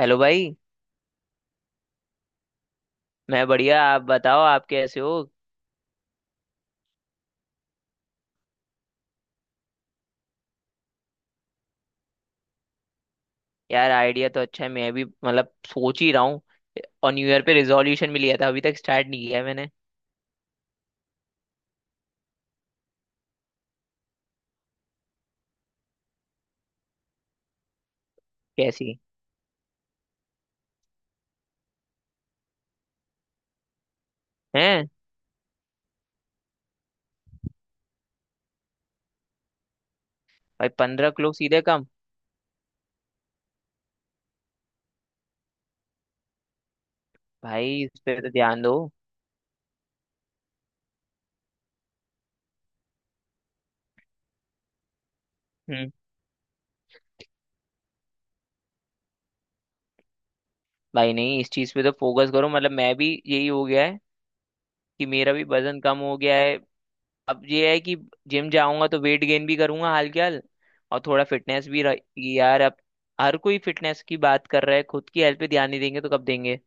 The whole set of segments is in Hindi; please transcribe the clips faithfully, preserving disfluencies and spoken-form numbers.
हेलो भाई। मैं बढ़िया, आप बताओ आप कैसे हो? यार आइडिया तो अच्छा है, मैं भी मतलब सोच ही रहा हूँ। और न्यू ईयर पे रिजोल्यूशन भी लिया था, अभी तक स्टार्ट नहीं किया है मैंने। कैसी हैं? भाई पंद्रह किलो सीधे कम। भाई इस पे तो ध्यान दो। हम्म। भाई नहीं, इस चीज पे तो फोकस करो, मतलब मैं भी यही हो गया है कि मेरा भी वजन कम हो गया है। अब ये है कि जिम जाऊंगा तो वेट गेन भी करूंगा हाल के हाल, और थोड़ा फिटनेस भी रहेगी यार। अब हर कोई फिटनेस की बात कर रहा है, खुद की हेल्थ पे ध्यान नहीं देंगे तो कब देंगे?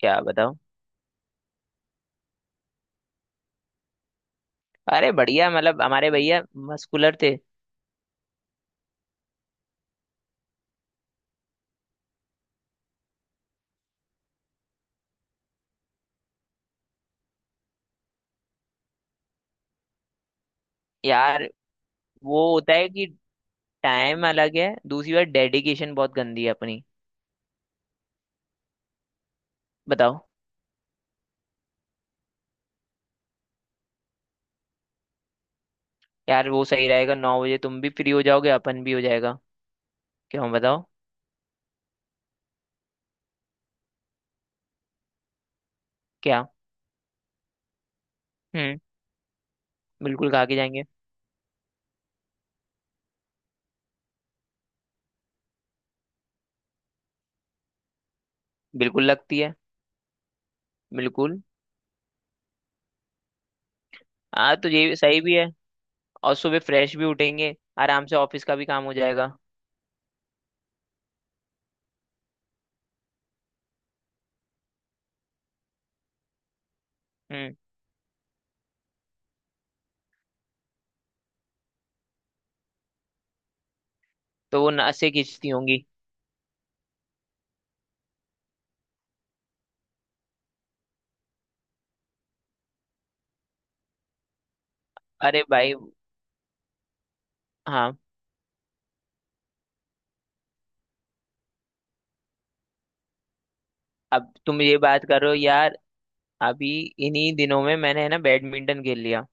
क्या बताओ। अरे बढ़िया, मतलब हमारे भैया मस्कुलर थे। यार वो होता है कि टाइम अलग है, दूसरी बार डेडिकेशन बहुत गंदी है अपनी। बताओ। यार वो सही रहेगा, नौ बजे तुम भी फ्री हो जाओगे, अपन भी हो जाएगा। क्यों बताओ? क्या? हम्म। बिल्कुल खा के जाएंगे। बिल्कुल लगती है। बिल्कुल। हाँ तो ये सही भी है। और सुबह फ्रेश भी उठेंगे, आराम से ऑफिस का भी काम हो जाएगा। हम्म। तो वो नसें खींचती होंगी। अरे भाई। हाँ। अब तुम ये बात करो यार। अभी इन्हीं दिनों में मैंने है ना बैडमिंटन खेल लिया।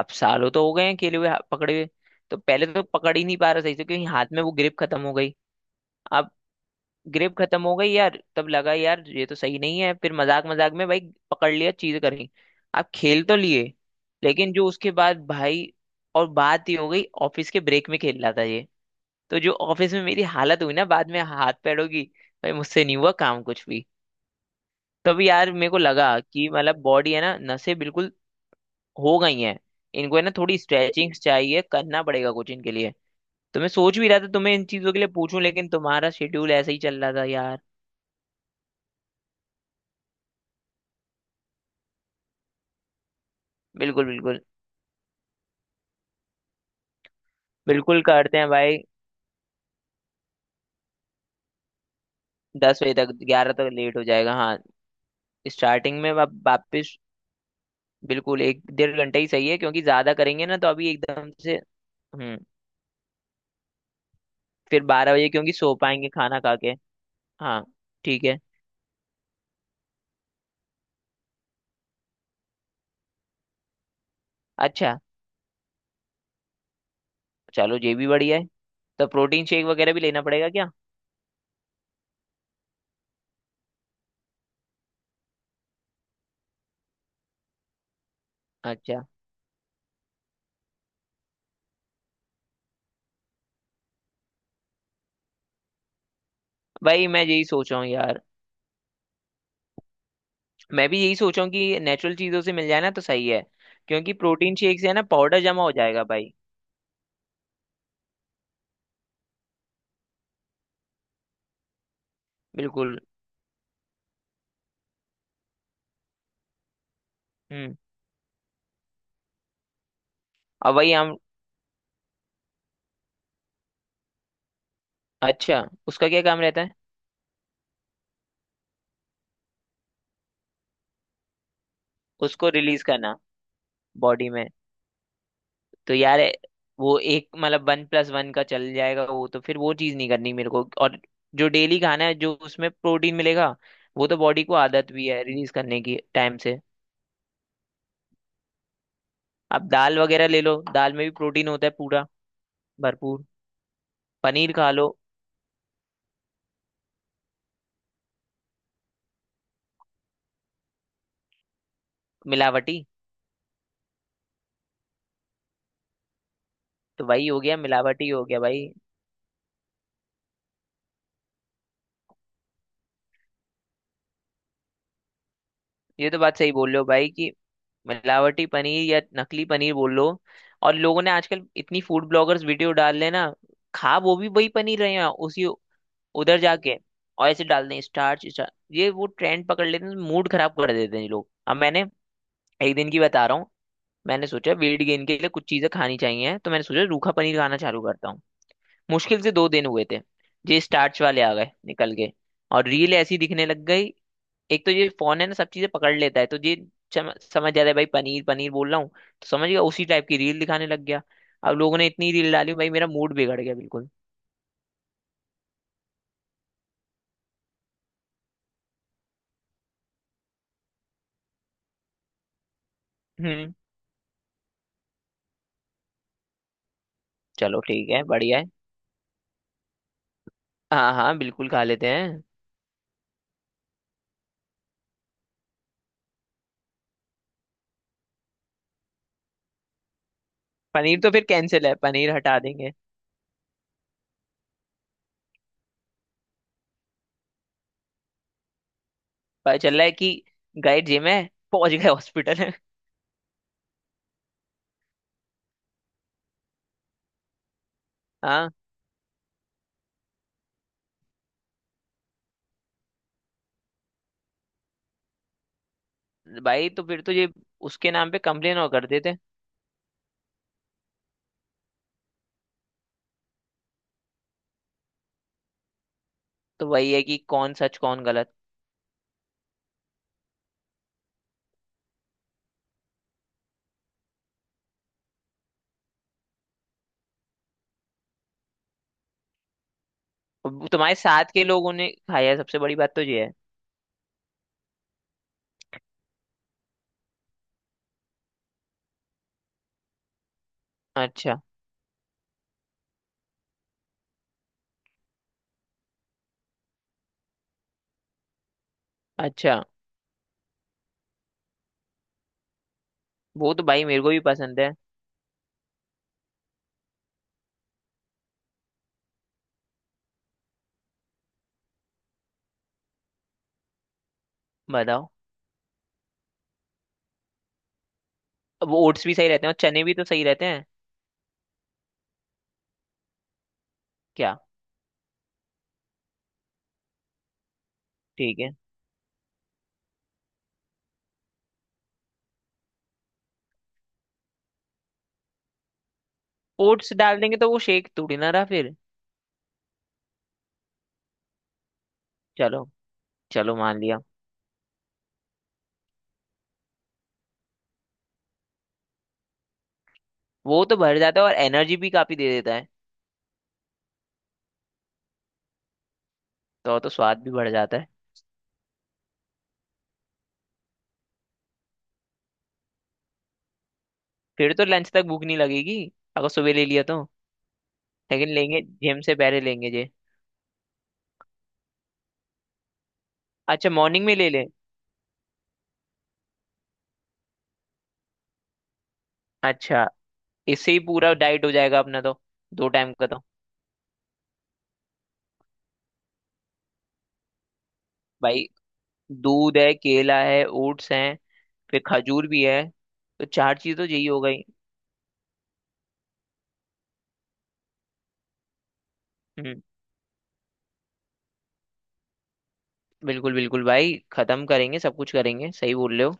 अब सालों तो हो गए हैं खेले हुए हा- पकड़े हुए। तो पहले तो पकड़ ही नहीं पा रहा सही से, क्योंकि हाथ में वो ग्रिप खत्म हो गई। अब ग्रिप खत्म हो गई यार, तब लगा यार ये तो सही नहीं है, फिर मजाक मजाक में भाई पकड़ लिया, चीज करी, आप खेल तो लिए। लेकिन जो उसके बाद भाई, और बात ही हो गई। ऑफिस के ब्रेक में खेल रहा था ये, तो जो ऑफिस में मेरी हालत हुई ना बाद में हाथ पैरों की। भाई मुझसे नहीं हुआ काम कुछ भी। तब यार मेरे को लगा कि मतलब बॉडी है ना, नसें बिल्कुल हो गई हैं। इनको है ना थोड़ी स्ट्रेचिंग चाहिए, करना पड़ेगा कुछ इनके लिए। तो मैं सोच भी रहा था तुम्हें इन चीजों के लिए पूछूं, लेकिन तुम्हारा शेड्यूल ऐसे ही चल रहा था यार। बिल्कुल, बिल्कुल। बिल्कुल करते हैं भाई। दस बजे तक ग्यारह तक लेट हो जाएगा, हाँ। स्टार्टिंग में वा- वापस, बिल्कुल एक डेढ़ घंटे ही सही है, क्योंकि ज्यादा करेंगे ना तो अभी एकदम से। हम्म। फिर बारह बजे, क्योंकि सो पाएंगे खाना खा के। हाँ। ठीक है। अच्छा। चलो ये भी बढ़िया है। तो प्रोटीन शेक वगैरह भी लेना पड़ेगा क्या? अच्छा। भाई मैं यही सोच रहा हूँ यार। मैं भी यही सोच रहा हूँ कि नेचुरल चीजों से मिल जाए ना तो सही है, क्योंकि प्रोटीन शेक से है ना पाउडर जमा हो जाएगा भाई। बिल्कुल। हम्म। अब वही हम। अच्छा। उसका क्या काम रहता है? उसको रिलीज करना बॉडी में। तो यार वो एक मतलब वन प्लस वन का चल जाएगा, वो तो फिर वो चीज नहीं करनी मेरे को। और जो डेली खाना है, जो उसमें प्रोटीन मिलेगा, वो तो बॉडी को आदत भी है रिलीज करने की टाइम से। अब दाल वगैरह ले लो, दाल में भी प्रोटीन होता है पूरा, भरपूर। पनीर खा लो। मिलावटी। तो वही हो गया, मिलावटी हो गया भाई। ये तो बात सही बोल रहे हो भाई कि मिलावटी पनीर या नकली पनीर बोल लो। और लोगों ने आजकल इतनी फूड ब्लॉगर्स वीडियो डाल रहे हैं ना, खा वो भी वही पनीर रहे हैं उसी उधर जाके। और ऐसे डाल दें स्टार्च स्टार्च, ये वो ट्रेंड पकड़ लेते हैं, मूड खराब कर देते हैं ये लोग। अब मैंने एक दिन की बता रहा हूँ, मैंने सोचा वेट गेन के लिए कुछ चीजें खानी चाहिए, तो मैंने सोचा रूखा पनीर खाना चालू करता हूँ। मुश्किल से दो दिन हुए थे, ये स्टार्च वाले आ गए निकल के, और रील ऐसी दिखने लग गई। एक तो ये फोन है ना सब चीजें पकड़ लेता है, तो ये सम, समझ जा रहा है भाई, पनीर पनीर बोल रहा हूँ तो समझ गया, उसी टाइप की रील दिखाने लग गया। अब लोगों ने इतनी रील डाली भाई मेरा मूड बिगड़ गया बिल्कुल। हम्म। चलो ठीक है, बढ़िया है। हाँ हाँ, बिल्कुल खा लेते हैं। पनीर तो फिर कैंसिल है, पनीर हटा देंगे। पता चल रहा है कि गए जिम है, पहुंच गए हॉस्पिटल है। हाँ। भाई तो फिर तो ये उसके नाम पे कंप्लेन और कर देते। तो वही है कि कौन सच कौन गलत। अब तुम्हारे साथ के लोगों ने खाया है, सबसे बड़ी बात तो ये है। अच्छा। अच्छा। वो तो भाई मेरे को भी पसंद है। बताओ। अब ओट्स भी सही रहते हैं और चने भी तो सही रहते हैं। क्या? ठीक है। ओट्स डाल देंगे तो वो शेक थोड़ी ना रहा फिर। चलो, चलो मान लिया। वो तो भर जाता है, और एनर्जी भी काफी दे देता है। तो तो स्वाद भी बढ़ जाता है। फिर तो लंच तक भूख नहीं लगेगी अगर सुबह ले लिया तो। लेकिन लेंगे जिम से पहले लेंगे जे? अच्छा मॉर्निंग में ले ले। अच्छा। इससे ही पूरा डाइट हो जाएगा अपना तो। दो टाइम का तो भाई, दूध है, केला है, ओट्स हैं, फिर खजूर भी है। तो चार चीज तो यही हो गई। हम्म। बिल्कुल बिल्कुल भाई, खत्म करेंगे, सब कुछ करेंगे, सही बोल रहे हो।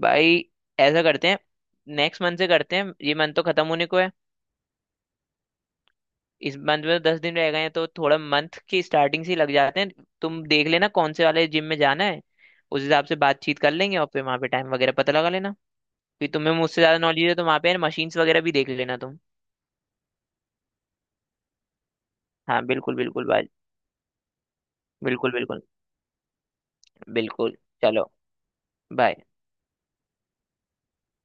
भाई ऐसा करते हैं, नेक्स्ट मंथ से करते हैं, ये मंथ तो खत्म होने को है। इस मंथ में तो दस दिन रह गए हैं, तो थोड़ा मंथ की स्टार्टिंग से ही लग जाते हैं। तुम देख लेना कौन से वाले जिम में जाना है, उस हिसाब से बातचीत कर लेंगे, और फिर वहां पे टाइम वगैरह पता लगा लेना। कि तुम्हें मुझसे ज्यादा नॉलेज है तो वहां पे मशीन्स वगैरह भी देख लेना तुम। हाँ बिल्कुल बिल्कुल भाई। बिल्कुल, बिल्कुल। बिल्कुल। चलो। बाय।